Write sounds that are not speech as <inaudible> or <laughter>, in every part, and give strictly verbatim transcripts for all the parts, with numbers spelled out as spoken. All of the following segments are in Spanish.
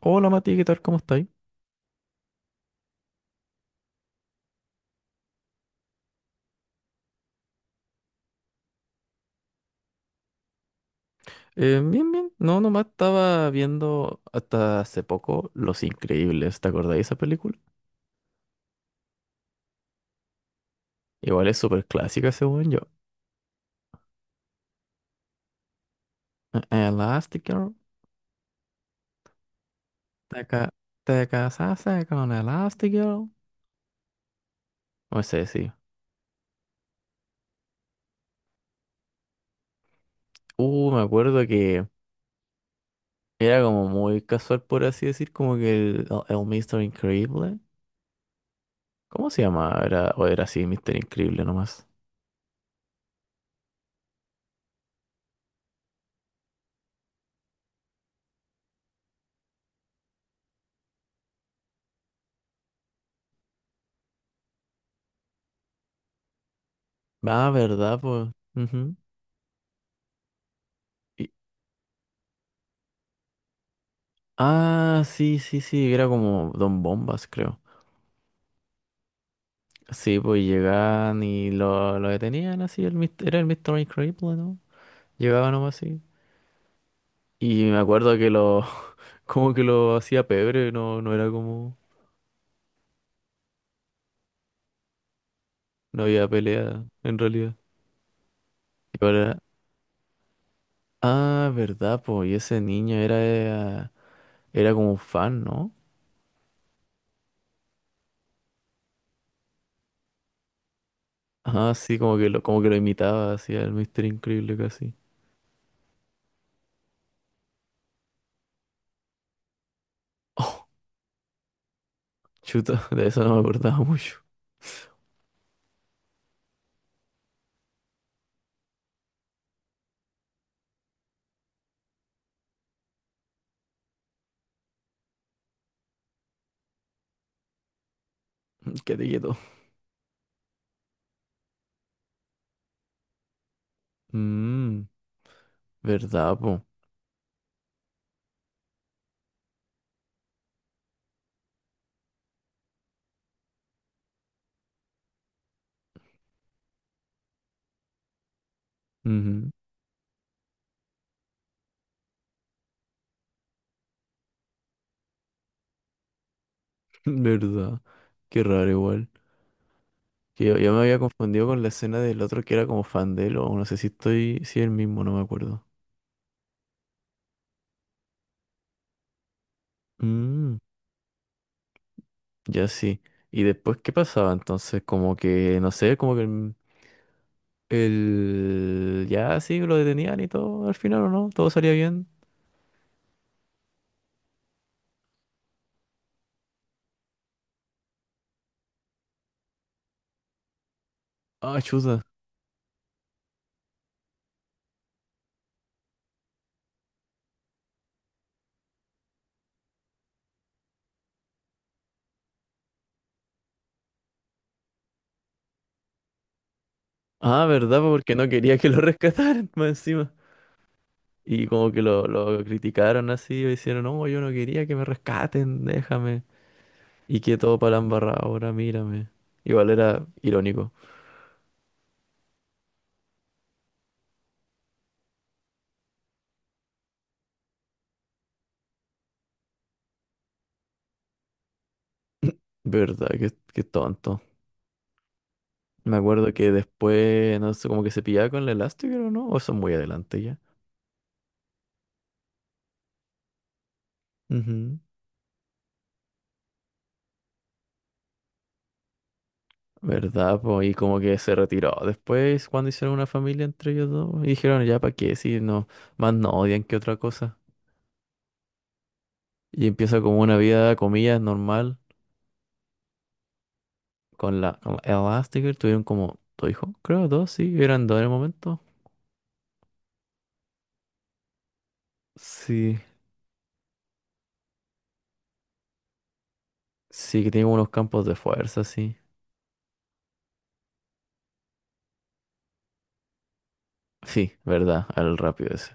Hola Mati, ¿qué tal? ¿Cómo estáis? Eh, bien, bien. No, nomás estaba viendo hasta hace poco Los Increíbles. ¿Te acordáis de esa película? Igual es súper clásica según yo. Eh, Elastigirl. Te, ca- Te casaste con Elastigirl. No sé, sí. Uh, me acuerdo que era como muy casual, por así decir, como que el, el, el míster Increíble. ¿Cómo se llamaba? Era, o era así, míster Increíble nomás. Ah, ¿verdad? Pues. Ujú. Y- Ah, sí, sí, sí, era como Don Bombas, creo. Sí, pues llegaban y lo, lo detenían así, el, mis- era el Mister Increíble, ¿no? Llegaban nomás así. Y me acuerdo que lo, <laughs> como que lo hacía pebre, no, no era como, no había pelea, en realidad. Y ahora, ah, verdad, pues, y ese niño era, era era como un fan, ¿no? Ah, sí, como que lo, como que lo imitaba, hacía el Mister Increíble casi. <laughs> Oh, chuta, de eso no me acordaba mucho. <laughs> Qué quieto. Mmm, verdad, pues. <laughs> ¿Verdad? Qué raro igual. Que yo, yo me había confundido con la escena del otro que era como fan de él, o no sé si estoy, si es el mismo, no me acuerdo. Mm, ya sí. ¿Y después qué pasaba? Entonces, como que, no sé, como que el, el- ya sí lo detenían y todo, al final o no, todo salía bien. Ah, chuta. Ah, ¿verdad? Porque no quería que lo <laughs> rescataran más encima. Y como que lo, lo criticaron así, o hicieron, no, yo no quería que me rescaten, déjame. Y que todo para la embarrada ahora, mírame. Igual era irónico. <clears throat> Verdad, qué, qué tonto. Me acuerdo que después, no sé, como que se pillaba con el Elastigirl o no, o eso es muy adelante ya. Ujú. ¿Verdad? Po y como que se retiró después cuando hicieron una familia entre ellos dos. Y dijeron, ya, ¿para qué? Si no, más no odian que otra cosa. Y empieza como una vida, comillas, normal con la, con la Elastigirl. Tuvieron como dos hijos, creo, dos, sí, eran dos en el momento. Sí, sí, que tienen unos campos de fuerza, sí. Sí, verdad, al rápido ese.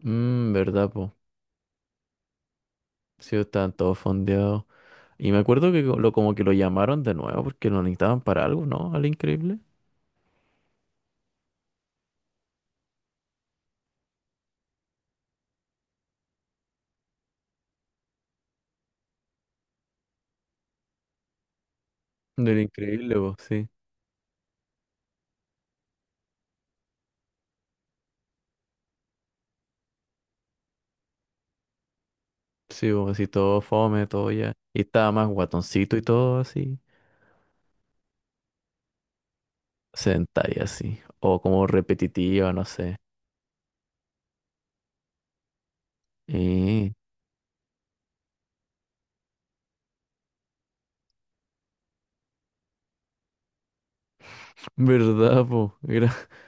Mmm, verdad, po. Sí, estaban todos fondeados. Y me acuerdo que co- lo, como que lo llamaron de nuevo porque lo necesitaban para algo, ¿no? Al increíble. Del increíble, po, sí. Sí, po, así todo fome, todo ya. Y estaba más guatoncito y todo así. Sentai así. O como repetitiva, no sé. eh, <laughs> Verdad, po. Era- <laughs>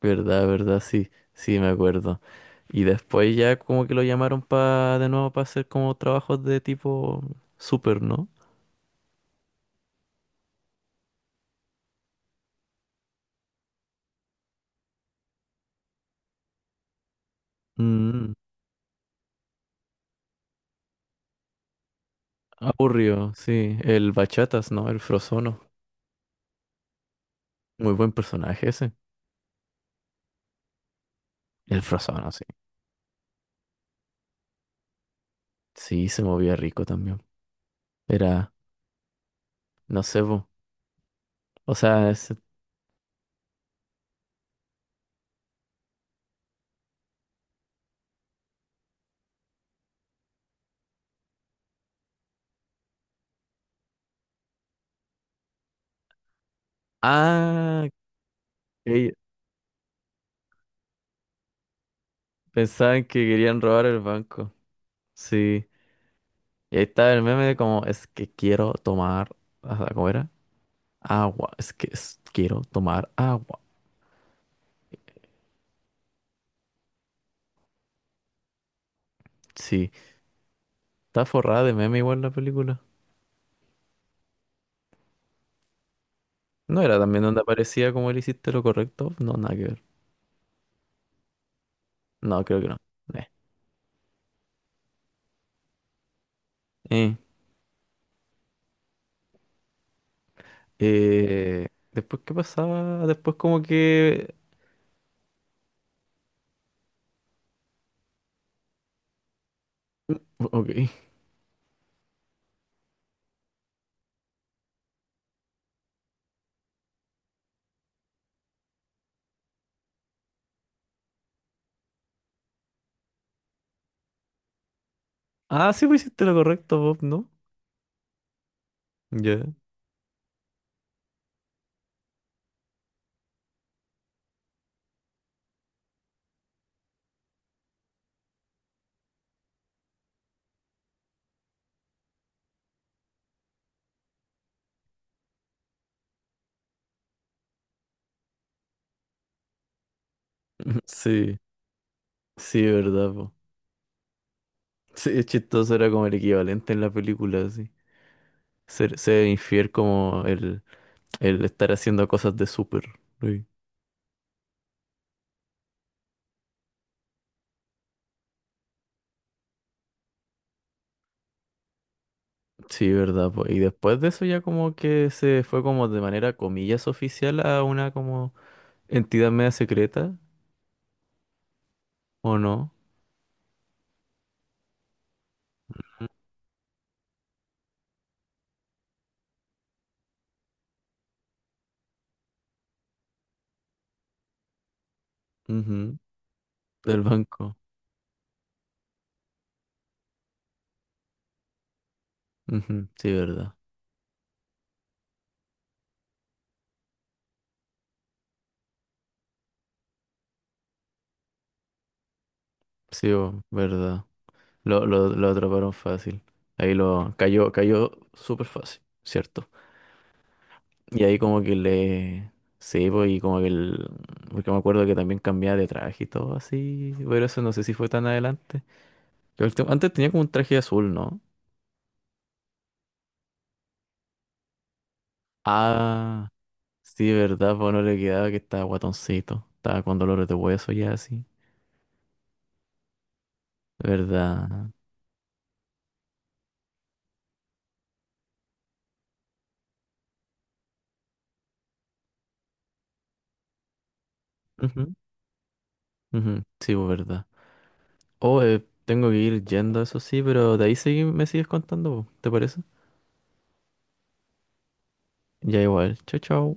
Verdad, verdad, sí. Sí, me acuerdo. Y después ya como que lo llamaron pa de nuevo para hacer como trabajos de tipo super, ¿no? Mm, aburrido, sí. El Bachatas, ¿no? El Frozono. Muy buen personaje ese. El Frozono, sí. Sí, se movía rico también. Era, no sé, po. O sea, ese- Ah, ok. Pensaban que querían robar el banco. Sí. Y ahí estaba el meme de como, es que quiero tomar... ah, ¿cómo era? Agua. Es que es- quiero tomar agua. Sí. Está forrada de meme igual la película. No era también donde aparecía como él hiciste lo correcto. No, nada que ver. No, creo que no. Eh. Eh. Eh, después, ¿qué pasaba? Después como que... Ok. <laughs> Ah, sí, pues hiciste lo correcto, Bob, ¿no? Ya. <laughs> Sí, sí, verdad, po. Sí, es chistoso, era como el equivalente en la película, sí. Ser, ser infiel como el, el estar haciendo cosas de súper. Sí, sí, verdad, po. Y después de eso ya como que se fue como de manera comillas oficial a una como entidad media secreta, ¿o no? Ujú. Del banco. Ujú, sí, verdad. Sí, po, verdad. Lo, lo, lo atraparon fácil. Ahí lo cayó, cayó súper fácil, ¿cierto? Y ahí como que le... Sí, pues, y como que el... Porque me acuerdo que también cambiaba de traje y todo así. Pero eso no sé si fue tan adelante. Lo último- Antes tenía como un traje azul, ¿no? Ah, sí, verdad, pues no le quedaba que estaba guatoncito. Estaba con dolores de hueso ya así. ¿Verdad? Ujú, ujú, sí, pues, verdad. Oh, eh, tengo que ir yendo, eso sí, pero de ahí seguí- me sigues contando, po, ¿te parece? Ya igual. Chao, chao.